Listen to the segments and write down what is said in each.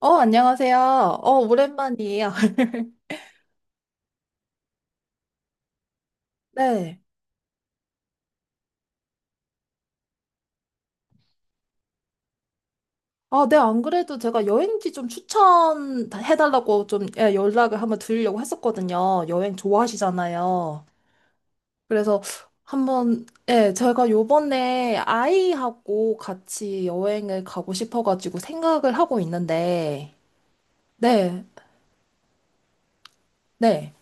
안녕하세요. 오랜만이에요. 네. 아, 네, 안 그래도 제가 여행지 좀 추천해달라고 좀, 예, 연락을 한번 드리려고 했었거든요. 여행 좋아하시잖아요. 그래서 한번, 예, 제가 요번에 아이하고 같이 여행을 가고 싶어가지고 생각을 하고 있는데, 네, 네.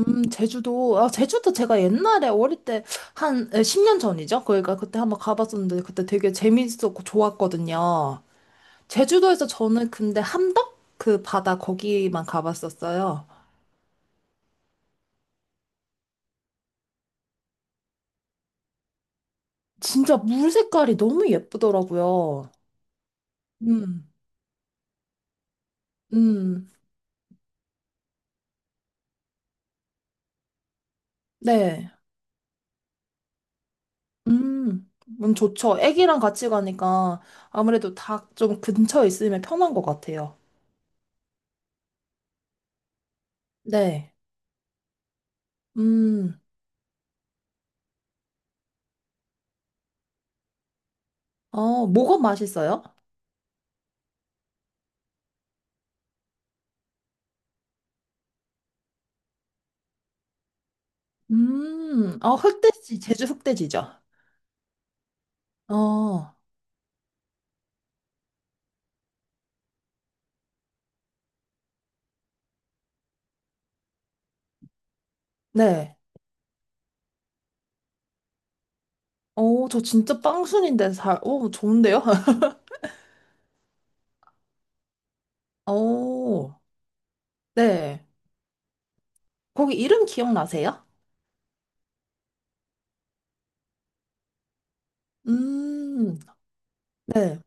제주도, 아, 제주도 제가 옛날에 어릴 때 한 10년 전이죠? 그러니까 그때 한번 가봤었는데 그때 되게 재밌었고 좋았거든요. 제주도에서 저는 근데 함덕 그 바다 거기만 가봤었어요. 진짜 물 색깔이 너무 예쁘더라고요. 음, 음, 네. 음, 좋죠. 애기랑 같이 가니까 아무래도 다 좀 근처에 있으면 편한 것 같아요. 네. 음, 뭐가 맛있어요? 아, 흑돼지, 제주 흑돼지죠. 어, 네. 저 진짜 빵순인데 잘, 좋은데요? 어, 네. 거기 이름 기억나세요? 음, 네,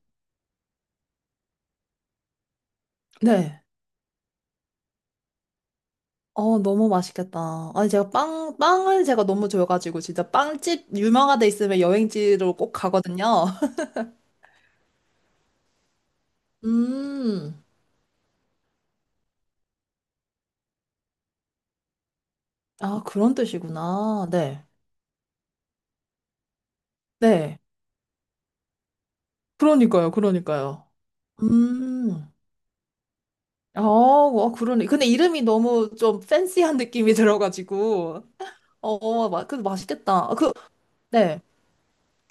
네. 어, 너무 맛있겠다. 아니, 제가 빵을 제가 너무 좋아가지고, 진짜 빵집 유명한 데 있으면 여행지로 꼭 가거든요. 음, 아, 그런 뜻이구나. 네, 네. 그러니까요. 음, 아, 와, 그러네. 근데 이름이 너무 좀 팬시한 느낌이 들어가지고, 어, 마, 그 맛있겠다. 아, 그, 네.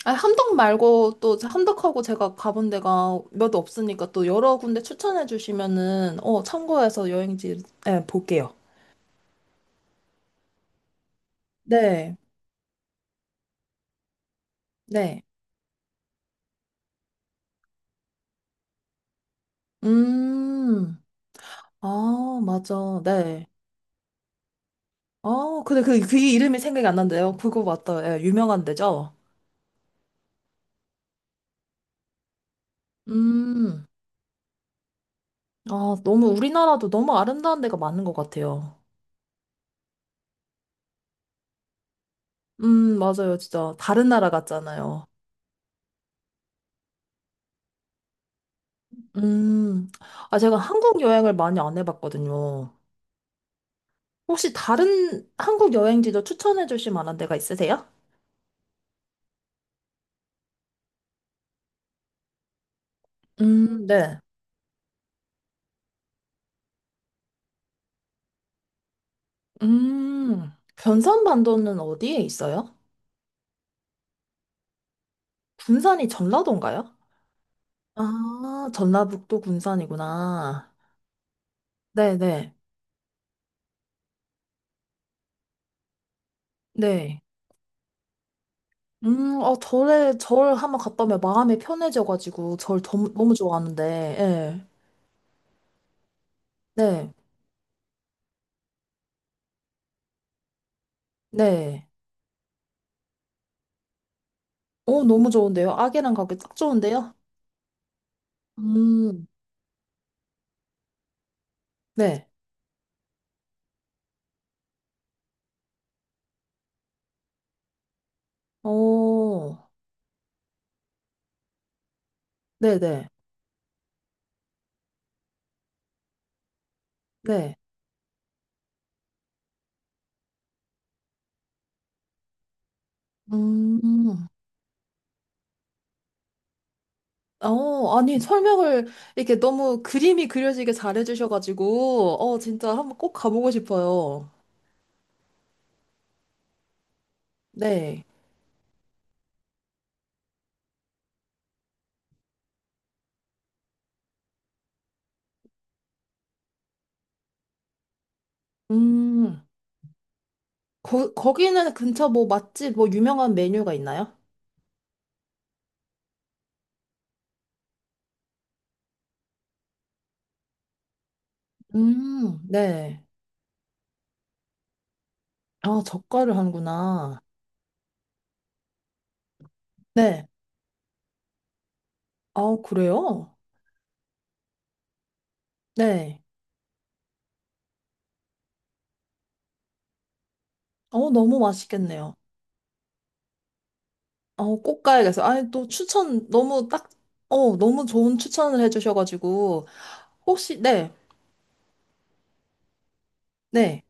아, 함덕 말고 또 함덕하고 제가 가본 데가 몇 없으니까 또 여러 군데 추천해 주시면은, 참고해서 여행지 네, 볼게요. 네. 네. 음. 아, 맞아. 네. 아, 근데 그, 그 이름이 생각이 안 난대요. 그거 맞다. 예, 유명한 데죠? 음. 아, 너무 우리나라도 너무 아름다운 데가 많은 것 같아요. 맞아요. 진짜 다른 나라 같잖아요. 음. 아, 제가 한국 여행을 많이 안 해봤거든요. 혹시 다른 한국 여행지도 추천해 주실 만한 데가 있으세요? 네. 음, 변산반도는 어디에 있어요? 군산이 전라도인가요? 아, 전라북도 군산이구나. 네네. 네. 네. 어, 절에, 절 한번 갔다 오면 마음이 편해져가지고, 너무 좋아하는데, 예. 네. 네. 어, 너무 좋은데요? 아기랑 가기 딱 좋은데요? 음, 네. 어, 네네. 네. 네. 음, 어, 아니, 설명을 이렇게 너무 그림이 그려지게 잘해주셔가지고, 진짜 한번 꼭 가보고 싶어요. 네. 음, 거기는 근처 뭐 맛집, 뭐 유명한 메뉴가 있나요? 네. 아, 젓갈을 하는구나. 네. 아, 그래요? 네. 어, 너무 맛있겠네요. 어, 꼭 가야겠어요. 아니, 또 추천 너무 딱, 너무 좋은 추천을 해주셔가지고, 혹시, 네, 네.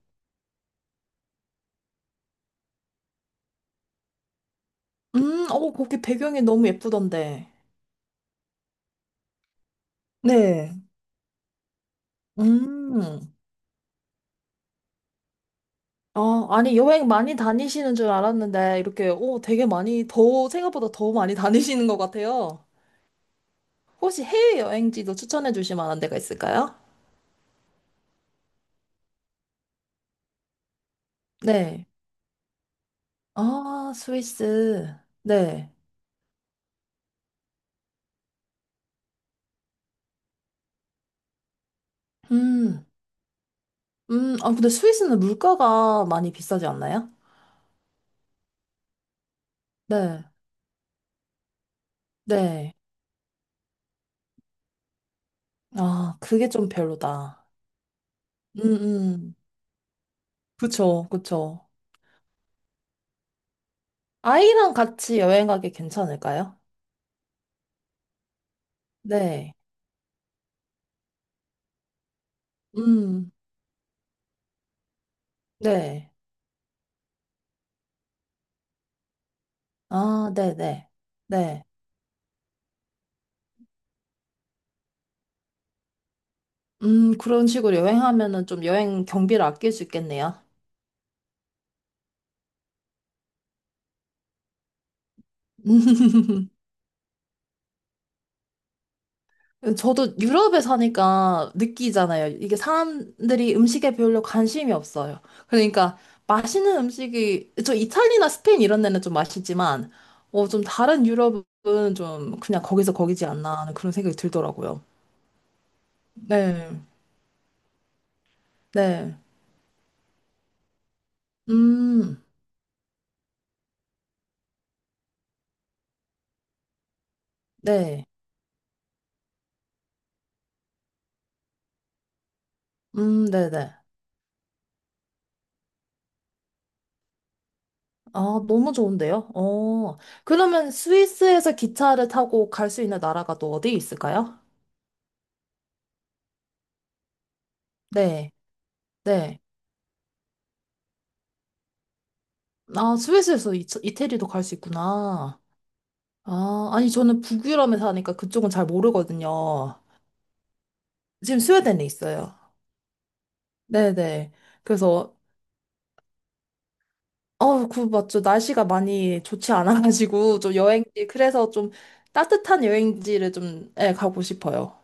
어, 거기 배경이 너무 예쁘던데. 네. 음. 아, 아니, 여행 많이 다니시는 줄 알았는데, 이렇게, 오, 되게 많이, 더, 생각보다 더 많이 다니시는 것 같아요. 혹시 해외여행지도 추천해 주실 만한 데가 있을까요? 네. 아, 스위스. 네. 음. 아, 근데 스위스는 물가가 많이 비싸지 않나요? 네. 네. 아, 그게 좀 별로다. 음, 음. 그쵸. 아이랑 같이 여행 가기 괜찮을까요? 네. 음. 네. 아, 네네. 네. 네. 그런 식으로 여행하면은 좀 여행 경비를 아낄 수 있겠네요. 저도 유럽에 사니까 느끼잖아요. 이게 사람들이 음식에 별로 관심이 없어요. 그러니까 맛있는 음식이, 저 이탈리나 스페인 이런 데는 좀 맛있지만, 어, 좀 다른 유럽은 좀 그냥 거기서 거기지 않나 하는 그런 생각이 들더라고요. 네, 네, 음, 네, 네네. 아, 너무 좋은데요? 어. 그러면 스위스에서 기차를 타고 갈 수 있는 나라가 또 어디 있을까요? 네, 네. 아, 스위스에서 이태리도 갈 수 있구나. 아, 아니, 저는 북유럽에 사니까 그쪽은 잘 모르거든요. 지금 스웨덴에 있어요. 네네. 그래서, 어, 그, 맞죠. 날씨가 많이 좋지 않아가지고, 좀 여행지, 그래서 좀 따뜻한 여행지를 좀, 예, 가고 싶어요.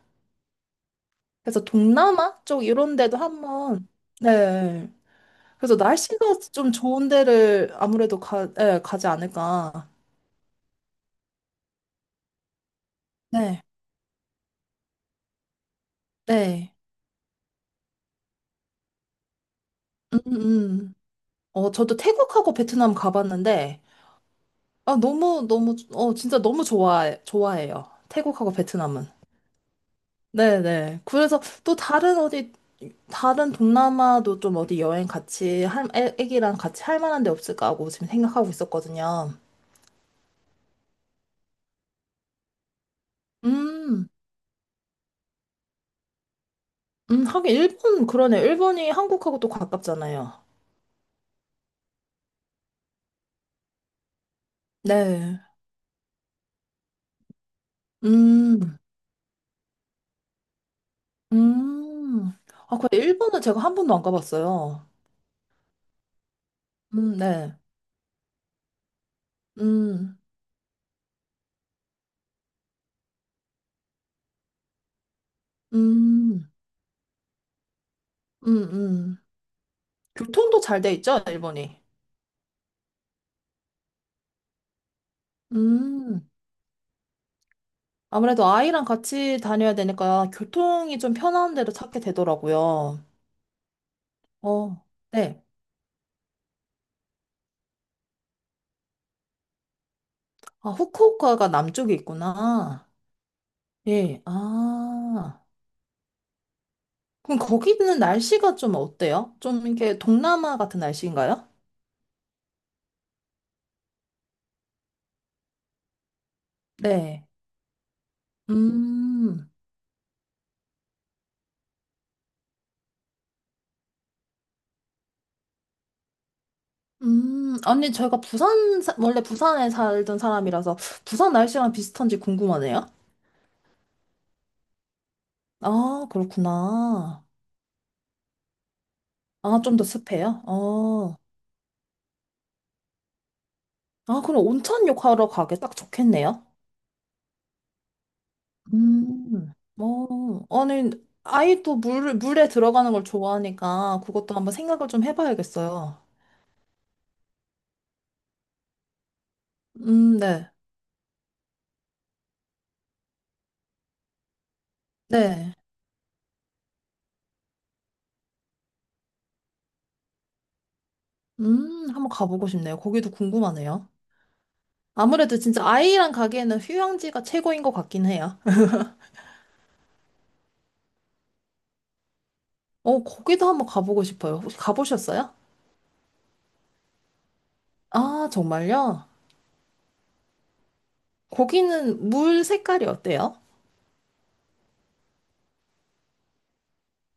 그래서 동남아 쪽 이런 데도 한번, 네. 그래서 날씨가 좀 좋은 데를 아무래도 가, 예, 가지 않을까. 네. 네. 음, 음. 어, 저도 태국하고 베트남 가봤는데, 아, 너무, 너무, 어, 진짜 너무 좋아해요. 태국하고 베트남은. 네네. 그래서 또 다른 어디, 다른 동남아도 좀 어디 여행 같이, 할, 애, 애기랑 같이 할 만한 데 없을까 하고 지금 생각하고 있었거든요. 음, 하긴 일본, 그러네. 일본이 한국하고 또 가깝잖아요. 네. 음. 음. 아, 그 일본은 제가 한 번도 안 가봤어요. 네. 음, 음, 음, 음. 교통도 잘 돼 있죠, 일본이. 음. 아무래도 아이랑 같이 다녀야 되니까 교통이 좀 편한 데로 찾게 되더라고요. 어, 네. 아, 후쿠오카가 남쪽에 있구나. 예, 아. 그럼 거기는 날씨가 좀 어때요? 좀 이렇게 동남아 같은 날씨인가요? 네. 음. 아니, 제가 부산, 사- 원래 부산에 살던 사람이라서 부산 날씨랑 비슷한지 궁금하네요. 아, 그렇구나. 아, 좀 더 습해요? 어. 아, 그럼 온천욕 하러 가기 딱 좋겠네요. 음, 어. 아니, 아이도 물에 들어가는 걸 좋아하니까 그것도 한번 생각을 좀 해봐야겠어요. 네. 네. 한번 가보고 싶네요. 거기도 궁금하네요. 아무래도 진짜 아이랑 가기에는 휴양지가 최고인 것 같긴 해요. 어, 거기도 한번 가보고 싶어요. 혹시 가보셨어요? 아, 정말요? 거기는 물 색깔이 어때요?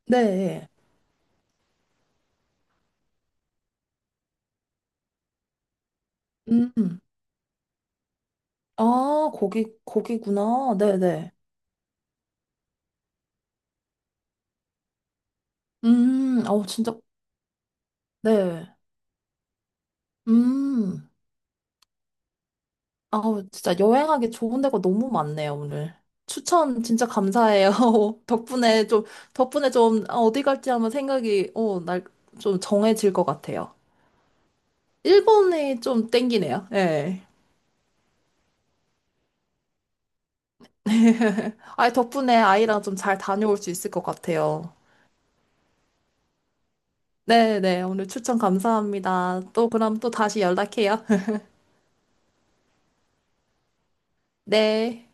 네. 음. 아, 거기구나. 네네. 아우, 진짜, 네. 음. 아우, 진짜 여행하기 좋은 데가 너무 많네요, 오늘. 추천 진짜 감사해요. 덕분에 좀, 덕분에 좀, 아, 어디 갈지 한번 생각이, 어, 날, 좀 정해질 것 같아요. 일본이 좀 땡기네요. 네. 아, 덕분에 아이랑 좀 잘 다녀올 수 있을 것 같아요. 네네, 오늘 추천 감사합니다. 또 그럼 또 다시 연락해요. 네.